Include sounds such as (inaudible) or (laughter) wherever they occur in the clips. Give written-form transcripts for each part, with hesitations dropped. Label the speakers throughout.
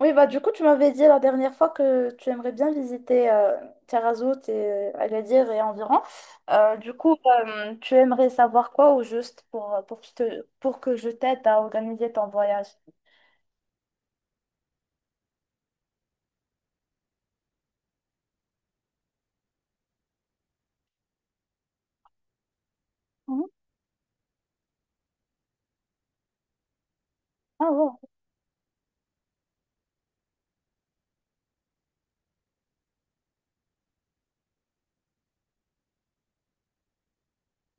Speaker 1: Oui, bah du coup, tu m'avais dit la dernière fois que tu aimerais bien visiter Tarazout et Agadir et environ. Du coup, tu aimerais savoir quoi au juste pour, pour que je t'aide à organiser ton voyage? Mhm. Ah bon?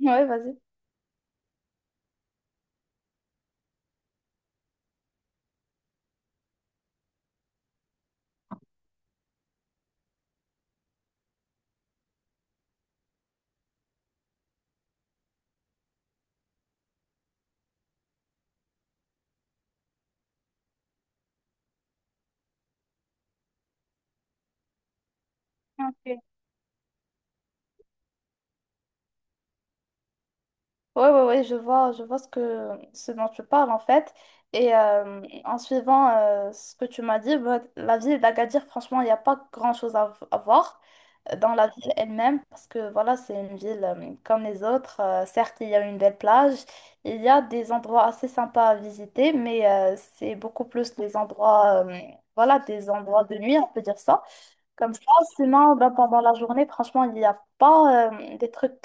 Speaker 1: Ouais, vas-y. Ouais, ouais, ouais, je vois ce dont tu parles en fait. En suivant ce que tu m'as dit, bah, la ville d'Agadir, franchement, il n'y a pas grand-chose à voir dans la ville elle-même parce que voilà, c'est une ville comme les autres. Certes, il y a une belle plage, il y a des endroits assez sympas à visiter, mais c'est beaucoup plus les endroits, voilà, des endroits de nuit, on peut dire ça. Comme ça, sinon, bah, pendant la journée, franchement, il n'y a pas des trucs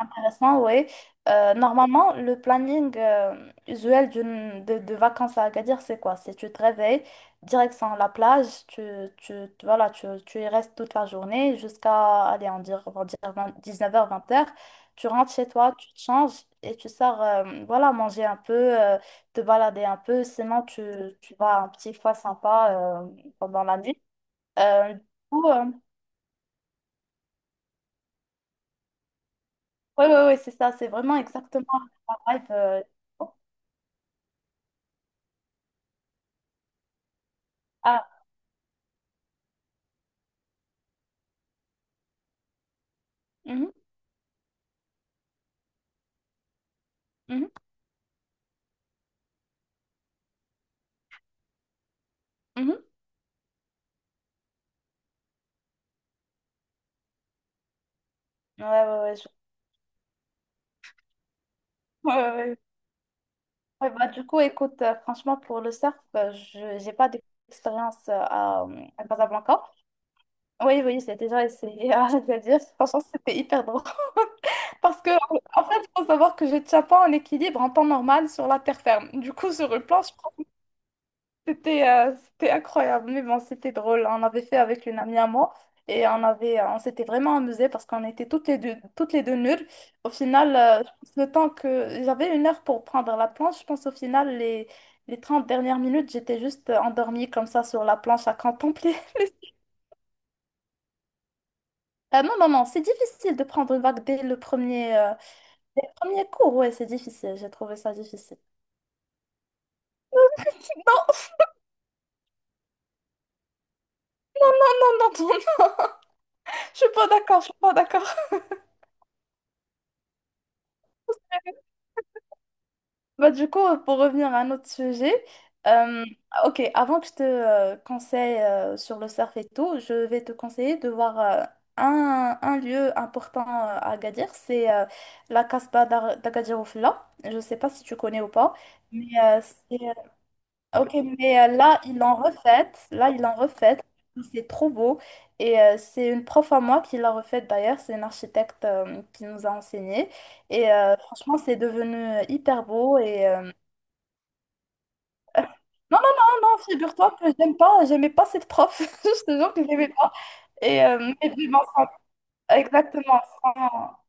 Speaker 1: intéressant, oui. Normalement, le planning usuel de vacances à Agadir, c'est quoi? C'est tu te réveilles, direction la plage, voilà, tu y restes toute la journée jusqu'à, allez, on va dire 19h, 20h. Tu rentres chez toi, tu te changes et tu sors, voilà, manger un peu, te balader un peu. Sinon, tu vas à un petit foie sympa pendant la nuit. Du coup, oui, oui, oui, c'est ça. C'est vraiment exactement la vibe. Ah. Mhm. Mhm, mhm. Ouais, ouais, ouais, ouais, ouais. Ouais, ouais. Ouais, bah, du coup, écoute, franchement, pour le surf, je j'ai pas d'expérience à Casablanca. Oui, oui, j'ai déjà essayé à (laughs) le dire franchement, c'était hyper drôle. (laughs) Parce que, en fait, il faut savoir que je ne tiens pas en équilibre en temps normal sur la terre ferme. Du coup, sur une planche, c'était incroyable, mais bon, c'était drôle. On avait fait avec une amie à moi et on s'était vraiment amusé parce qu'on était toutes les deux nulles. Au final, je pense le temps que j'avais 1 heure pour prendre la planche, je pense au final, les 30 dernières minutes, j'étais juste endormie comme ça sur la planche à contempler. (laughs) Non, non, non, c'est difficile de prendre une vague dès le premier cours. Ouais, c'est difficile, j'ai trouvé ça difficile. Non, non, non, (laughs) je suis pas d'accord, je suis pas d'accord. Bah, du coup, pour revenir à un autre sujet, euh, ok, avant que je te conseille sur le surf et tout, je vais te conseiller de voir un lieu important à Agadir, c'est la Casbah d'Agadir Oufla. Je ne sais pas si tu connais ou pas, mais ok, mais là, ils l'ont refaite, là, ils l'ont refaite, c'est trop beau, et c'est une prof à moi qui l'a refaite d'ailleurs, c'est une architecte qui nous a enseigné. Franchement, c'est devenu hyper beau et non, non, non, non, figure-toi que j'aimais pas cette prof. (laughs) Je te jure que j'aimais pas. Mais vraiment, exactement,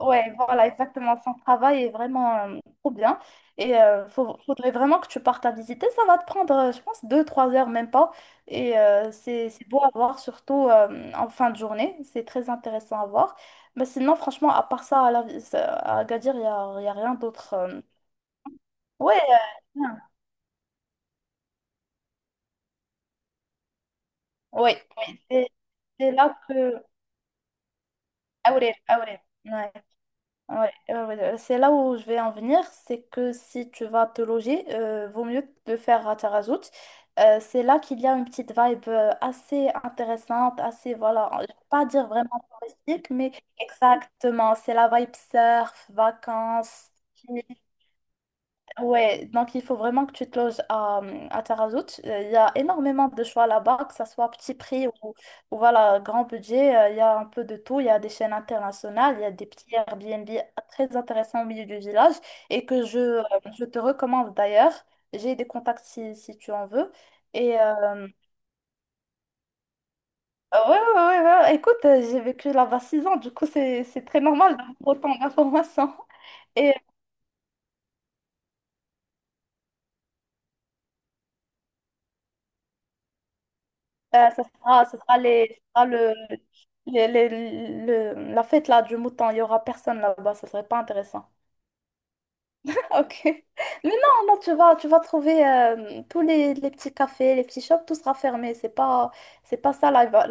Speaker 1: ouais, voilà, exactement, son travail est vraiment trop bien. Faudrait vraiment que tu partes à visiter. Ça va te prendre, je pense, deux, trois heures, même pas. Et c'est beau à voir, surtout en fin de journée. C'est très intéressant à voir. Mais sinon, franchement, à part ça, à Agadir, il y a rien d'autre. Ouais, euh, ouais, c'est là que. Aurel, Aurel, ouais, ouais, ouais, ouais, ouais. C'est là où je vais en venir, c'est que si tu vas te loger, vaut mieux le faire à Tarazout. C'est là qu'il y a une petite vibe assez intéressante, assez, voilà, je vais pas dire vraiment touristique, mais exactement, c'est la vibe surf, vacances. Ouais, donc il faut vraiment que tu te loges à Tarazout. Il y a énormément de choix là-bas, que ce soit petit prix ou voilà, grand budget. Il y a un peu de tout. Il y a des chaînes internationales, il y a des petits Airbnb très intéressants au milieu du village et que je te recommande d'ailleurs. J'ai des contacts si tu en veux. Et euh, ouais, ouais, ouais, ouais. Ouais. Écoute, j'ai vécu là-bas 6 ans, du coup c'est très normal d'avoir autant d'informations. Ça sera ça sera le, les- le- la fête là du mouton. Il y aura personne là-bas. Ça serait pas intéressant. (laughs) Ok. Mais non, non, tu vas trouver tous les petits cafés, les petits shops, tout sera fermé. C'est pas ça la.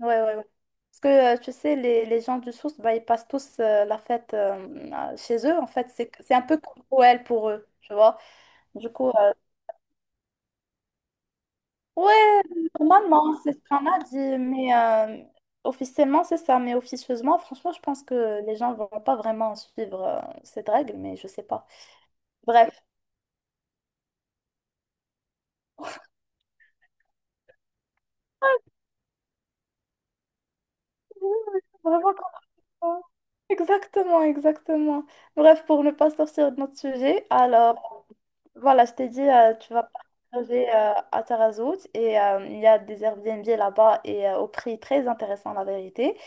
Speaker 1: Ouais, ouais, ouais. Parce que tu sais, les gens du Sousse, bah, ils passent tous la fête chez eux. En fait, c'est un peu comme Noël pour eux, tu vois. Du coup, euh, Ouais, normalement, c'est ce qu'on a dit, mais officiellement, c'est ça. Mais officieusement, franchement, je pense que les gens vont pas vraiment suivre cette règle, mais je sais pas. Bref. Vraiment content. Exactement, exactement. Bref, pour ne pas sortir de notre sujet, alors, voilà, je t'ai dit, tu vas partager à Tarazout il y a des Airbnb là-bas au prix très intéressant, la vérité.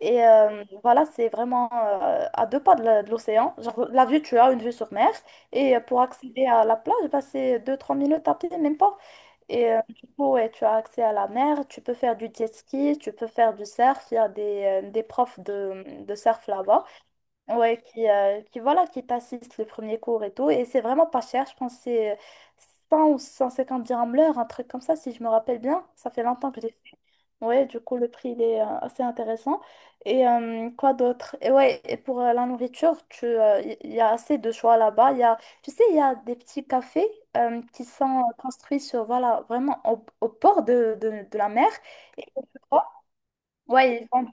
Speaker 1: Voilà, c'est vraiment à deux pas de l'océan. Genre, la vue, tu as une vue sur mer. Et pour accéder à la plage, bah, c'est 2-3 minutes à pied, même pas. Du coup, ouais, tu as accès à la mer, tu peux faire du jet ski, tu peux faire du surf. Il y a des profs de surf là-bas. Ouais, voilà, qui t'assiste le premier cours et tout. Et c'est vraiment pas cher, je pense que c'est 100 ou 150 dirhams l'heure, un truc comme ça, si je me rappelle bien. Ça fait longtemps que j'ai fait. Ouais, du coup, le prix, il est assez intéressant. Et quoi d'autre? Et ouais, et pour la nourriture, tu, y il y a assez de choix là-bas. Tu sais, il y a des petits cafés qui sont construits sur, voilà, vraiment au bord de la mer. Et, ouais, ils vendent.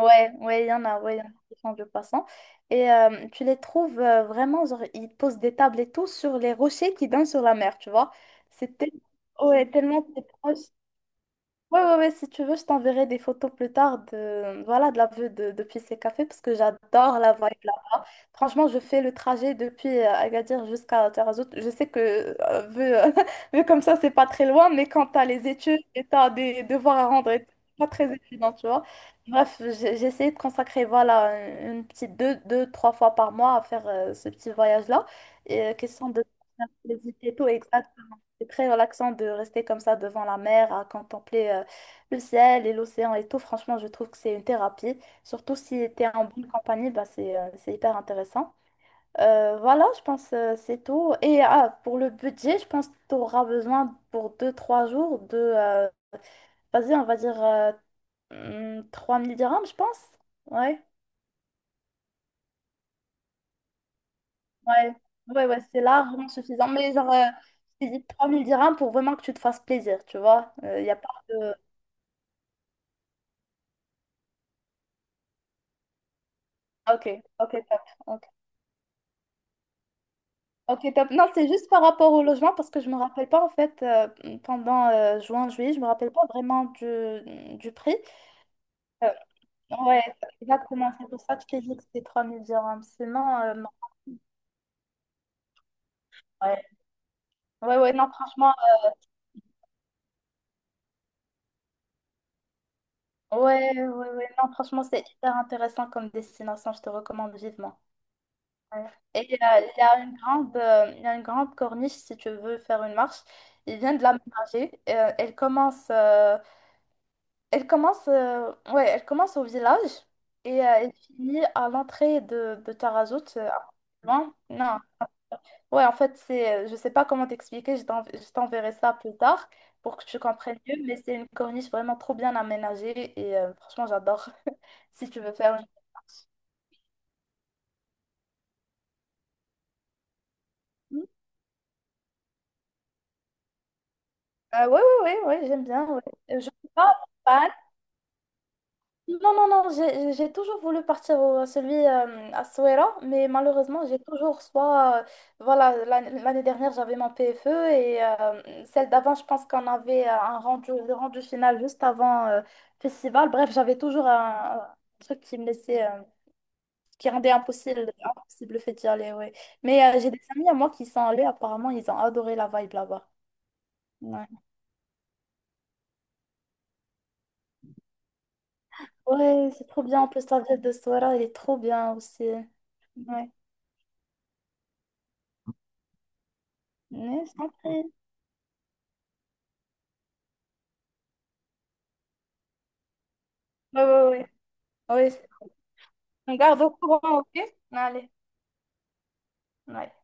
Speaker 1: Ouais, ouais, il y en a, ouais, il y en a qui font du poisson. Tu les trouves vraiment, genre, ils posent des tables et tout sur les rochers qui donnent sur la mer, tu vois. C'est tel- ouais, tellement c'est proche. Ouais, ouais, ouais, si tu veux, je t'enverrai des photos plus tard voilà, de la vue depuis ces cafés parce que j'adore la vibe là-bas. Franchement, je fais le trajet depuis Agadir jusqu'à Tarazout. Je sais que, (laughs) vu comme ça, c'est pas très loin, mais quand t'as les études et t'as des devoirs à rendre, et tout, c'est pas très évident, tu vois. Bref, j'ai essayé de consacrer, voilà, une petite deux, trois fois par mois à faire ce petit voyage-là. Question de visiter et tout, exactement. C'est très relaxant de rester comme ça devant la mer à contempler le ciel et l'océan et tout, franchement, je trouve que c'est une thérapie. Surtout si tu es en bonne compagnie, bah, c'est hyper intéressant. Voilà, je pense c'est tout. Et ah, pour le budget, je pense que tu auras besoin pour deux trois jours vas-y, on va dire 3 000 dirhams, je pense. Ouais, ouais, ouais, ouais, c'est largement suffisant. Mais genre, je t'ai dit 3 000 dirhams pour vraiment que tu te fasses plaisir, tu vois. Il n'y a pas de. Ok, ok, top. Ok. Ok, top. Non, c'est juste par rapport au logement parce que je me rappelle pas en fait pendant juin, juillet, je me rappelle pas vraiment du prix. Euh, ouais, exactement. C'est pour ça que je t'ai dit que c'était 3 000 dirhams. Sinon, non. Ouais. ouais, ouais, non, franchement, Ouais, ouais, ouais, non, franchement, c'est hyper intéressant comme destination. Je te recommande vivement. Ouais. Il y a une grande corniche si tu veux faire une marche. Ils viennent de l'aménager. Elle commence au village elle finit à l'entrée de Tarazout. Loin. Non, ouais, en fait, je sais pas comment t'expliquer, je t'enverrai ça plus tard pour que tu comprennes mieux, mais c'est une corniche vraiment trop bien aménagée et franchement, j'adore. (laughs) Si tu veux faire une démarche. Oui, oui, oui, ouais, ouais, ouais, ouais, ouais, j'aime bien. Ouais. Je suis pas fan. Non, non, non, j'ai toujours voulu partir à celui à Souera, mais malheureusement, j'ai toujours soit, voilà, l'année dernière, j'avais mon PFE et celle d'avant, je pense qu'on avait le rendu final juste avant festival. Bref, j'avais toujours un truc qui me laissait, qui rendait impossible, impossible le fait d'y aller, ouais. Mais j'ai des amis à moi qui sont allés, apparemment, ils ont adoré la vibe là-bas. Ouais, ouais, c'est trop bien. En plus, la ville de Souera, elle est trop bien aussi. Ouais. Mais je t'en prie. Ouais, ouais, ouais. Ouais. On garde au courant, ok? Allez. Ouais.